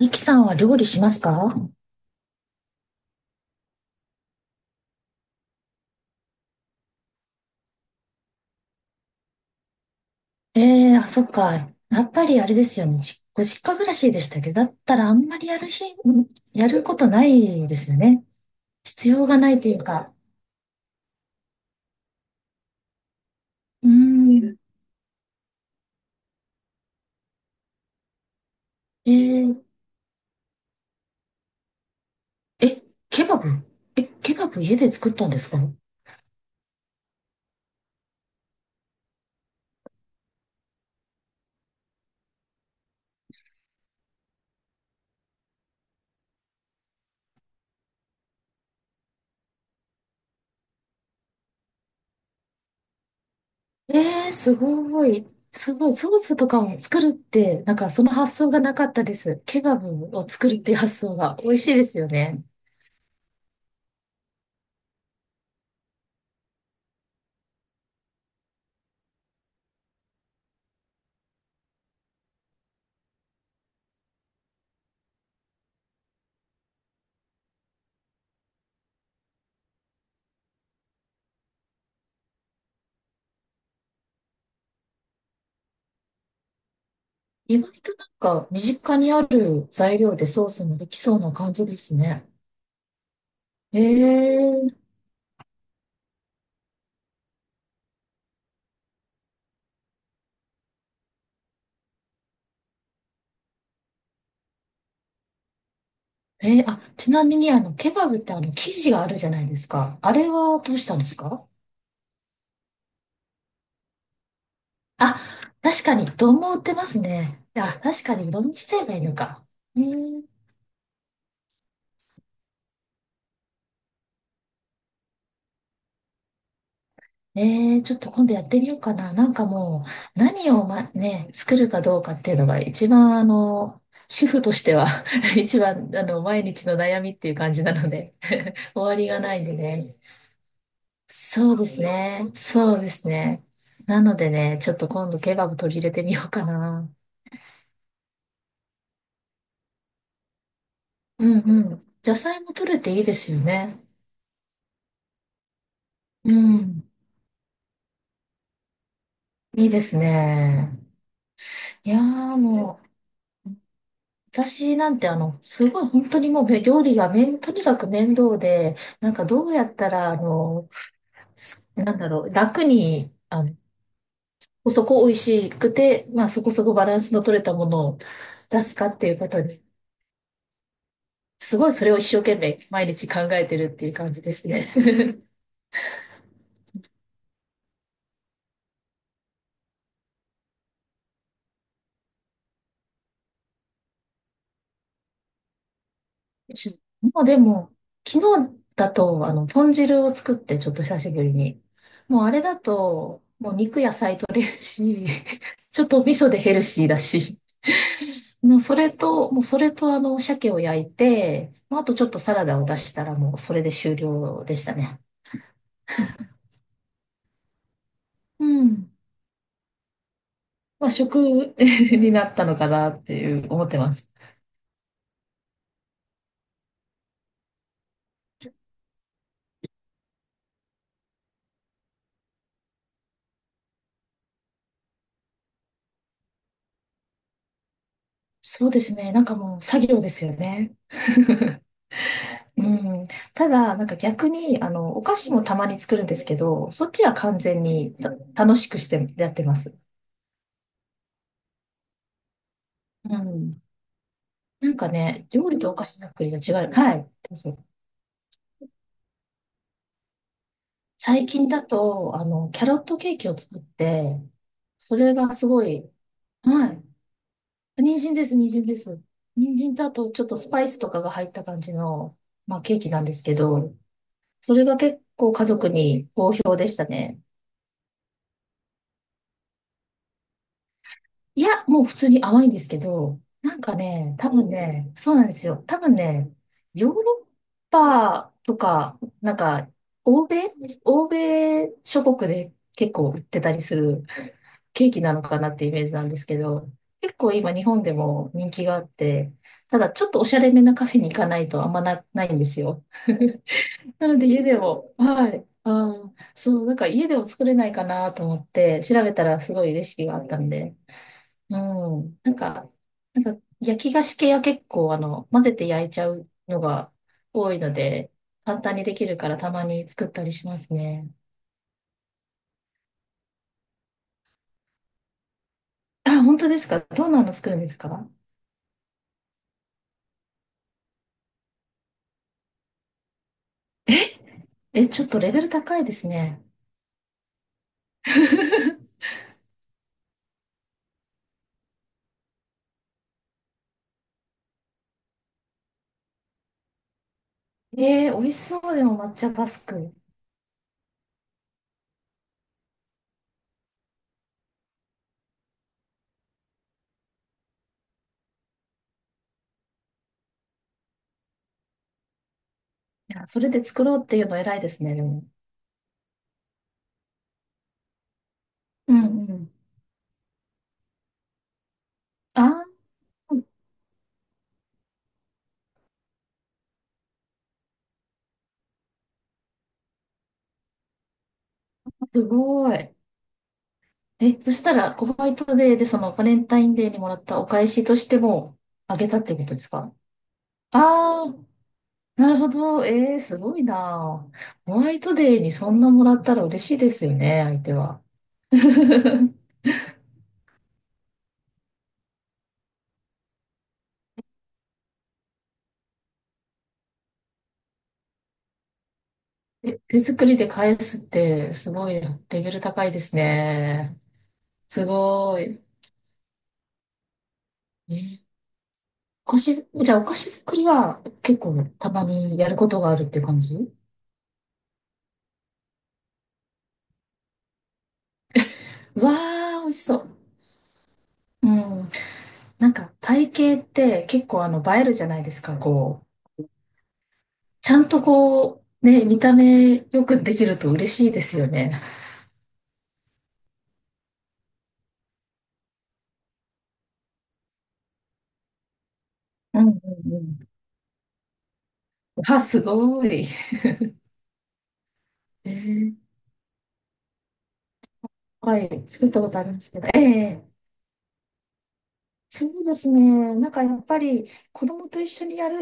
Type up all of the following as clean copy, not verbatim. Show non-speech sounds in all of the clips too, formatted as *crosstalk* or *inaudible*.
ミキさんは料理しますか？ええー、あ、そっか。やっぱりあれですよね。実家暮らしでしたけど、だったらあんまりやる日、うん、やることないですよね。必要がないというか。うーん。えー、え、ケバブ。ケバブ家で作ったんですか？えー、すごい。すごい。ソースとかも作るって、なんかその発想がなかったです。ケバブを作るっていう発想が美味しいですよね。意外となんか身近にある材料でソースもできそうな感じですね。えー、ちなみにケバブって生地があるじゃないですか。あれはどうしたんですか？あ、確かに、丼も売ってますね。あ、確かに、丼にしちゃえばいいのか。えー、えちょっと今度やってみようかな。なんかもう、何を、ま、ね、作るかどうかっていうのが一番主婦としては、 *laughs* 一番毎日の悩みっていう感じなので、終わりがないんでね。そうですね。そうですね。なのでね、ちょっと今度ケバブ取り入れてみようかな。うんうん。野菜も取れていいですよね。うん。いいですね。いやーもう、私なんてすごい本当にもう料理がとにかく面倒で、なんかどうやったら、なんだろう、楽に、そこそこ美味しくて、まあそこそこバランスの取れたものを出すかっていうことにすごいそれを一生懸命毎日考えてるっていう感じですね。*laughs* まあでも、昨日だと、豚汁を作って、ちょっと久しぶりに。もうあれだと、もう肉野菜取れるし、*laughs* ちょっと味噌でヘルシーだし。もうそれと鮭を焼いて、まああとちょっとサラダを出したらもうそれで終了でしたね。うん。まあ、 *laughs* になったのかなっていう思ってます。そうですね。なんかもう作業ですよね。うん。ただ、なんか逆に、お菓子もたまに作るんですけど、そっちは完全に楽しくしてやってます。うん。なんかね、料理とお菓子作りが違う。はい。どうぞ。最近だと、キャロットケーキを作って、それがすごい、はい。人参です、人参です。人参とあと、ちょっとスパイスとかが入った感じの、まあ、ケーキなんですけど、それが結構家族に好評でしたね。いや、もう普通に甘いんですけど、なんかね、多分ね、そうなんですよ。多分ね、ヨーロッパとか、なんか、欧米、欧米諸国で結構売ってたりするケーキなのかなってイメージなんですけど、結構今日本でも人気があって、ただちょっとおしゃれめなカフェに行かないとないんですよ。*laughs* なので家でも、はい。あー、そう、なんか家でも作れないかなと思って調べたらすごいレシピがあったんで、うん。なんか、焼き菓子系は結構、混ぜて焼いちゃうのが多いので、簡単にできるからたまに作ったりしますね。あ、本当ですか？どんなの作るんですか？え、ちょっとレベル高いですね。*laughs* 美味しそうでも抹茶バスク。いや、それで作ろうっていうの偉いですね、でも。うんうん。あー、すごい。え、そしたら、ホワイトデーで、そのバレンタインデーにもらったお返しとしても、あげたってことですか？ああ、なるほど。すごいな。ホワイトデーにそんなもらったら嬉しいですよね、相手は。*laughs* え、手作りで返すってすごいレベル高いですね。すごい。え、お菓子、じゃあお菓子作りは結構たまにやることがあるっていう感じ。わー、美味しそう。うん。なんか体型って結構映えるじゃないですか、こう。ちゃんとこう、ね、見た目よくできると嬉しいですよね。うんうんうん。あ、すごい。えー、はい、作ったことあるんですけど。ええ、そうですね。なんかやっぱり子供と一緒にやる、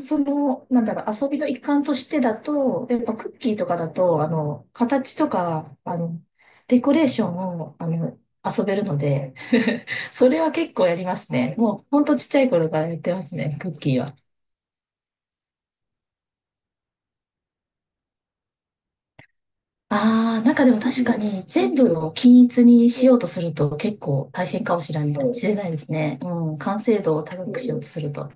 なんだろう、遊びの一環としてだと、やっぱクッキーとかだと、形とか、デコレーションを、遊べるので、*laughs* それは結構やりますね。もう、ほんとちっちゃい頃からやってますね、クッキーは。ああ、なんかでも確かん。に全部を均一にしようとすると結構大変かもしれない、そう、知れないですね。うん、完成度を高そくしよううとすると。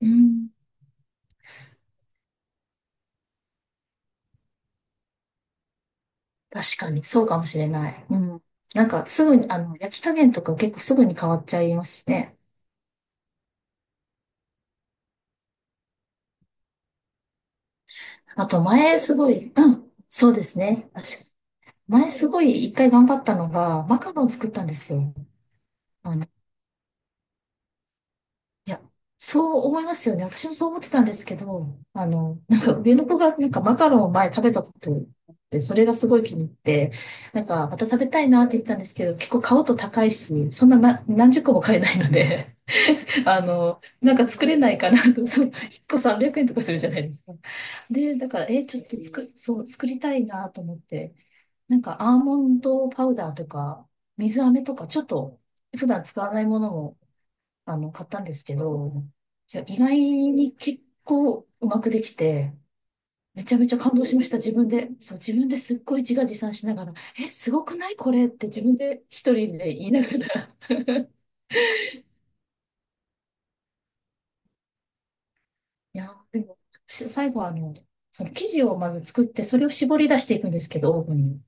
うん、確かにそうかもしれない。うん。なんかすぐに、焼き加減とか結構すぐに変わっちゃいますしね。あと前すごい、うん、そうですね。確かに。前すごい一回頑張ったのが、マカロン作ったんですよ。いや、そう思いますよね。私もそう思ってたんですけど、なんか上の子がなんかマカロンを前食べたことあって、それがすごい気に入って、なんかまた食べたいなって言ってたんですけど、結構買うと高いし、そんなな何十個も買えないので、*laughs* なんか作れないかなと、そう、1個300円とかするじゃないですか。で、だから、え、ちょっと作、そう、作りたいなと思って、なんかアーモンドパウダーとか、水飴とか、ちょっと普段使わないもの買ったんですけど、いや、意外に結構うまくできて、めちゃめちゃ感動しました、自分で。そう、自分ですっごい自画自賛しながら、え、すごくないこれって自分で一人で言いながら。*laughs* いや、でも、最後はその生地をまず作って、それを絞り出していくんですけど、オーブンに。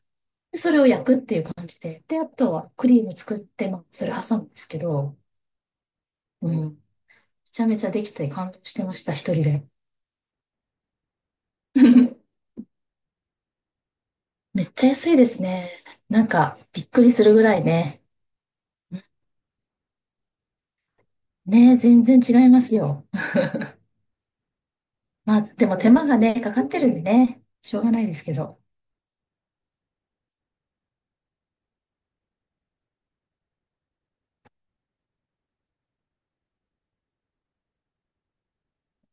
で、それを焼くっていう感じで。で、あとはクリーム作って、まあ、それ挟むんですけど、うん、めちゃめちゃできて感動してました、一人で。*laughs* めっちゃ安いですね。なんか、びっくりするぐらいね。ねえ、全然違いますよ。まあ、でも手間がね、かかってるんでね、しょうがないですけど。